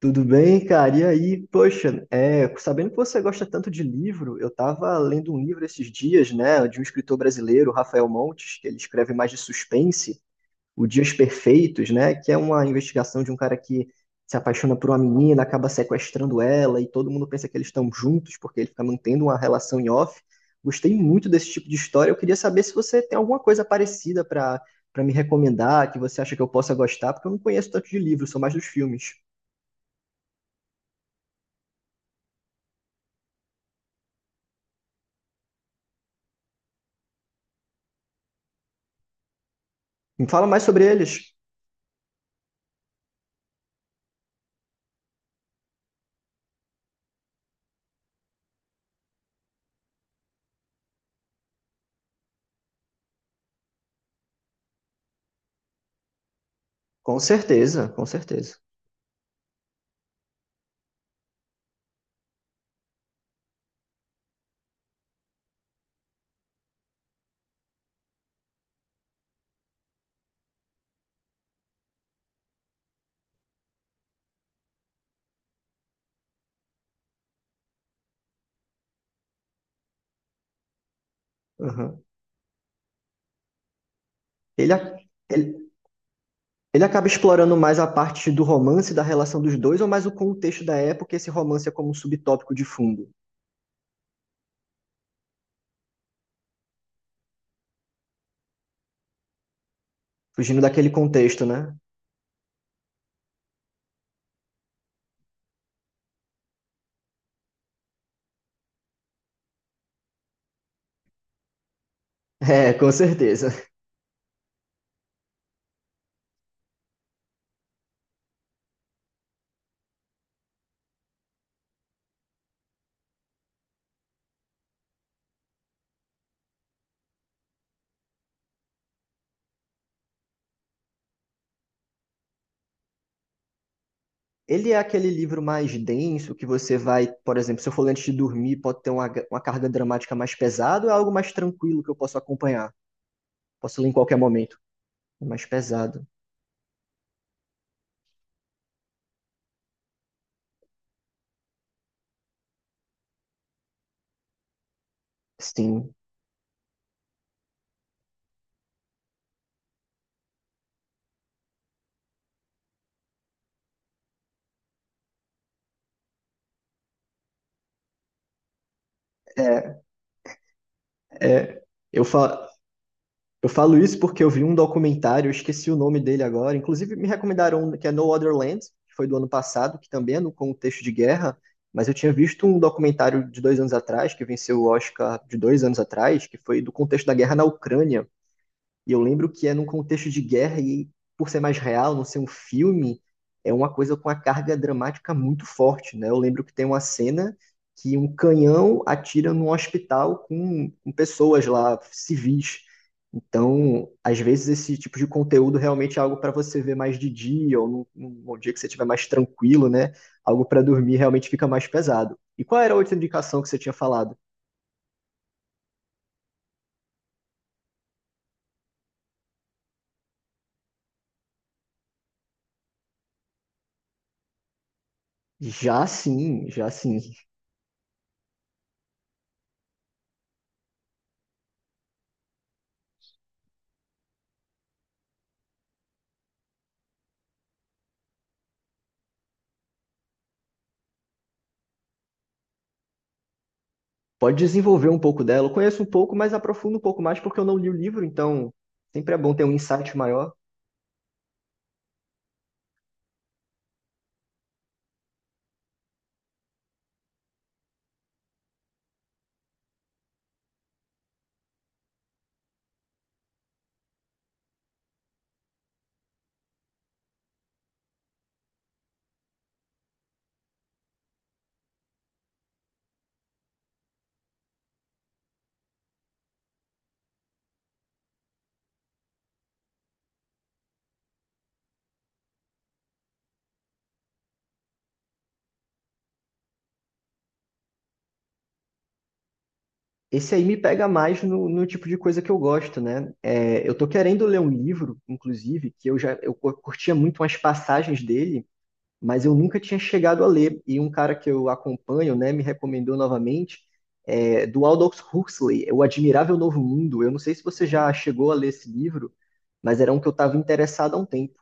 Tudo bem, cara? E aí, poxa, sabendo que você gosta tanto de livro, eu tava lendo um livro esses dias, né, de um escritor brasileiro, Rafael Montes, que ele escreve mais de suspense, O Dias Perfeitos, né, que é uma investigação de um cara que se apaixona por uma menina, acaba sequestrando ela e todo mundo pensa que eles estão juntos porque ele fica mantendo uma relação em off. Gostei muito desse tipo de história. Eu queria saber se você tem alguma coisa parecida para me recomendar, que você acha que eu possa gostar, porque eu não conheço tanto de livro, sou mais dos filmes. Me fala mais sobre eles. Com certeza, com certeza. Aham. Ele, a- ele, ele acaba explorando mais a parte do romance, da relação dos dois, ou mais o contexto da época, e esse romance é como um subtópico de fundo, fugindo daquele contexto, né? É, com certeza. Ele é aquele livro mais denso que você vai, por exemplo, se eu for ler antes de dormir, pode ter uma carga dramática mais pesada, ou é algo mais tranquilo que eu posso acompanhar? Posso ler em qualquer momento. É mais pesado. Sim. É, é eu falo. Eu falo isso porque eu vi um documentário, eu esqueci o nome dele agora. Inclusive, me recomendaram um que é No Other Land, que foi do ano passado, que também é no contexto de guerra. Mas eu tinha visto um documentário de 2 anos atrás, que venceu o Oscar de 2 anos atrás, que foi do contexto da guerra na Ucrânia. E eu lembro que é num contexto de guerra e por ser mais real, não ser um filme, é uma coisa com uma carga dramática muito forte, né? Eu lembro que tem uma cena que um canhão atira num hospital com pessoas lá, civis. Então, às vezes esse tipo de conteúdo realmente é algo para você ver mais de dia ou num dia que você estiver mais tranquilo, né? Algo para dormir realmente fica mais pesado. E qual era a outra indicação que você tinha falado? Já sim, já sim. Pode desenvolver um pouco dela. Eu conheço um pouco, mas aprofundo um pouco mais porque eu não li o livro, então sempre é bom ter um insight maior. Esse aí me pega mais no tipo de coisa que eu gosto, né? Eu tô querendo ler um livro, inclusive, que eu já eu curtia muito umas passagens dele, mas eu nunca tinha chegado a ler. E um cara que eu acompanho, né, me recomendou novamente, do Aldous Huxley, O Admirável Novo Mundo. Eu não sei se você já chegou a ler esse livro, mas era um que eu estava interessado há um tempo.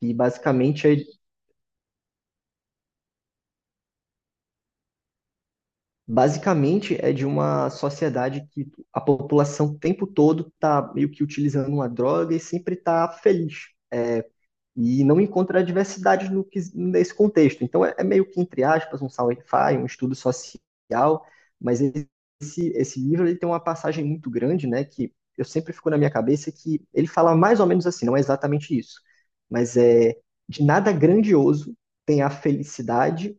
E basicamente é Basicamente, é de uma sociedade que a população o tempo todo está meio que utilizando uma droga e sempre está feliz. E não encontra diversidade no, que- nesse contexto. Então, é meio que, entre aspas, um sci-fi, um estudo social, mas esse livro ele tem uma passagem muito grande, né, que eu sempre fico na minha cabeça que ele fala mais ou menos assim, não é exatamente isso, mas é de nada grandioso tem a felicidade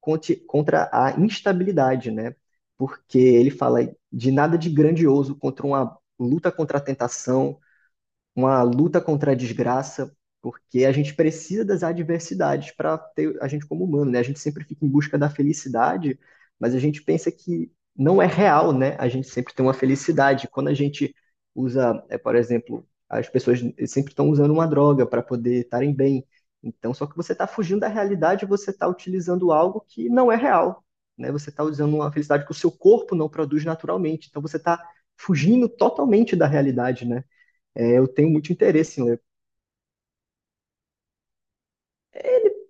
contra a instabilidade, né? Porque ele fala de nada de grandioso contra uma luta contra a tentação, uma luta contra a desgraça, porque a gente precisa das adversidades para ter a gente como humano, né? A gente sempre fica em busca da felicidade, mas a gente pensa que não é real, né? A gente sempre tem uma felicidade. Quando a gente usa, por exemplo, as pessoas sempre estão usando uma droga para poder estarem bem. Então, só que você está fugindo da realidade, você está utilizando algo que não é real, né? Você está usando uma felicidade que o seu corpo não produz naturalmente. Então, você está fugindo totalmente da realidade, né? É, eu tenho muito interesse em ler.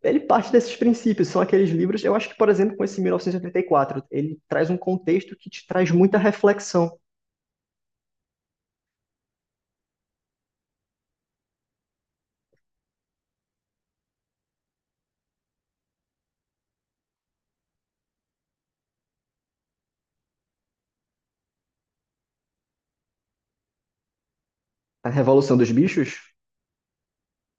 Ele parte desses princípios, são aqueles livros. Eu acho que, por exemplo, com esse mil novecentos e oitenta e quatro ele traz um contexto que te traz muita reflexão. A Revolução dos Bichos,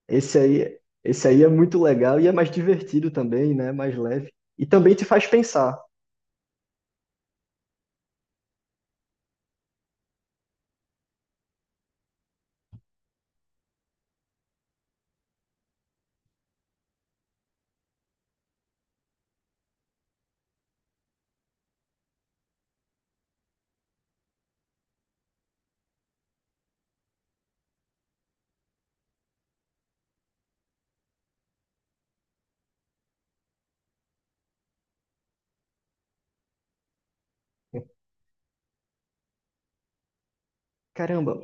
esse aí é muito legal e é mais divertido também, né? Mais leve. E também te faz pensar. Caramba,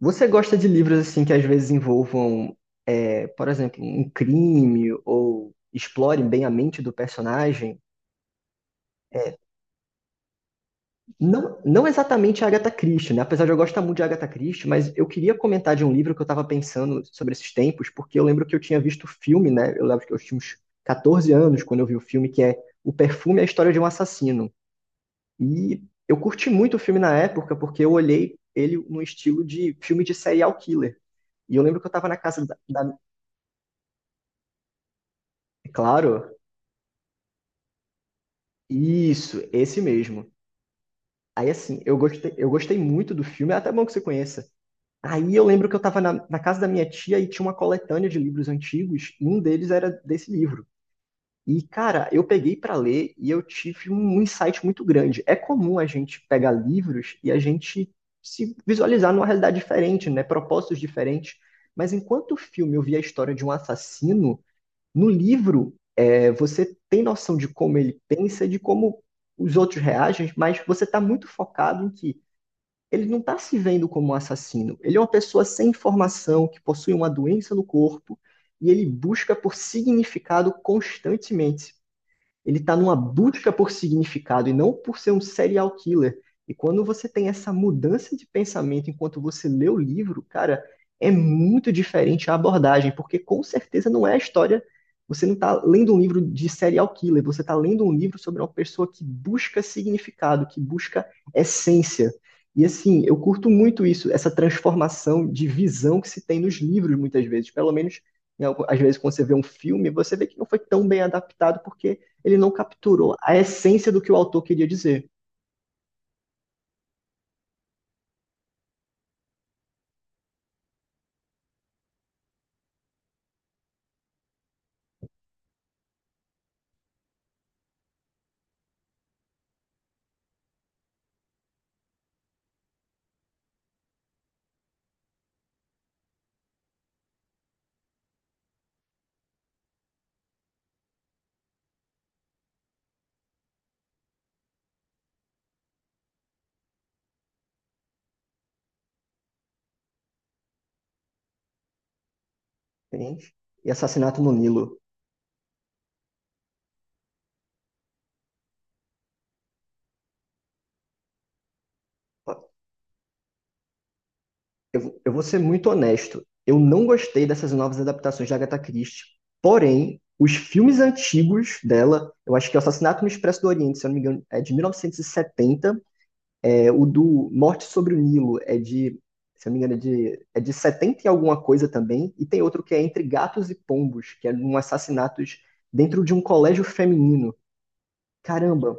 você gosta de livros assim que às vezes envolvam, por exemplo, um crime ou explorem bem a mente do personagem? Não, não exatamente a Agatha Christie, né? Apesar de eu gostar muito de Agatha Christie, mas eu queria comentar de um livro que eu estava pensando sobre esses tempos, porque eu lembro que eu tinha visto o filme, né? Eu lembro que eu tinha uns 14 anos quando eu vi o filme, que é O Perfume e a História de um Assassino. E eu curti muito o filme na época, porque eu olhei ele no estilo de filme de serial killer. E eu lembro que eu estava na casa da. Claro, isso, esse mesmo. Aí assim, eu gostei muito do filme, é até bom que você conheça. Aí eu lembro que eu estava na casa da minha tia e tinha uma coletânea de livros antigos, e um deles era desse livro. E, cara, eu peguei para ler e eu tive um insight muito grande. É comum a gente pegar livros e a gente se visualizar numa realidade diferente, né? Propósitos diferentes. Mas enquanto o filme eu via a história de um assassino, no livro você tem noção de como ele pensa, de como os outros reagem, mas você está muito focado em que ele não está se vendo como um assassino. Ele é uma pessoa sem informação, que possui uma doença no corpo, e ele busca por significado constantemente. Ele está numa busca por significado e não por ser um serial killer. E quando você tem essa mudança de pensamento enquanto você lê o livro, cara, é muito diferente a abordagem, porque com certeza não é a história. Você não está lendo um livro de serial killer, você está lendo um livro sobre uma pessoa que busca significado, que busca essência. E assim, eu curto muito isso, essa transformação de visão que se tem nos livros, muitas vezes. Pelo menos, às vezes, quando você vê um filme, você vê que não foi tão bem adaptado, porque ele não capturou a essência do que o autor queria dizer. Entende? E Assassinato no Nilo. Eu vou ser muito honesto. Eu não gostei dessas novas adaptações de Agatha Christie. Porém, os filmes antigos dela, eu acho que é o Assassinato no Expresso do Oriente, se eu não me engano, é de 1970. É, o do Morte sobre o Nilo é de, se eu não me engano, é de 70 e alguma coisa também. E tem outro que é Entre Gatos e Pombos, que é um assassinato dentro de um colégio feminino. Caramba,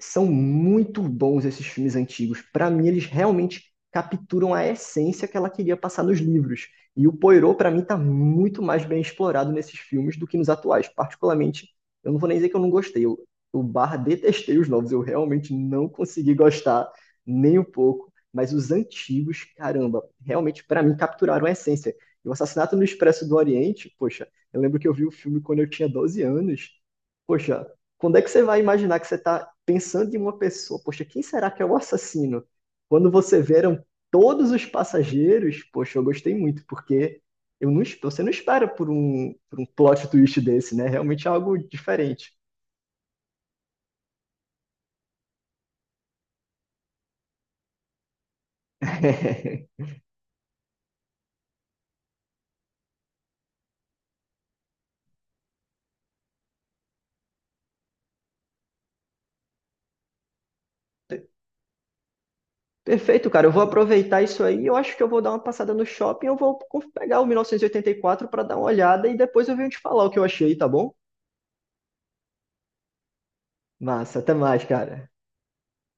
são muito bons esses filmes antigos. Para mim, eles realmente capturam a essência que ela queria passar nos livros. E o Poirot, para mim, tá muito mais bem explorado nesses filmes do que nos atuais. Particularmente, eu não vou nem dizer que eu não gostei. Eu barra detestei os novos. Eu realmente não consegui gostar nem um pouco. Mas os antigos, caramba, realmente, para mim, capturaram a essência. E o Assassinato no Expresso do Oriente, poxa, eu lembro que eu vi o filme quando eu tinha 12 anos. Poxa, quando é que você vai imaginar que você está pensando em uma pessoa, poxa, quem será que é o assassino? Quando você veram todos os passageiros, poxa, eu gostei muito, porque eu não, você não espera por um plot twist desse, né? Realmente é algo diferente. Perfeito, cara. Eu vou aproveitar isso aí. Eu acho que eu vou dar uma passada no shopping. Eu vou pegar o 1984 para dar uma olhada e depois eu venho te falar o que eu achei, tá bom? Massa, até mais, cara.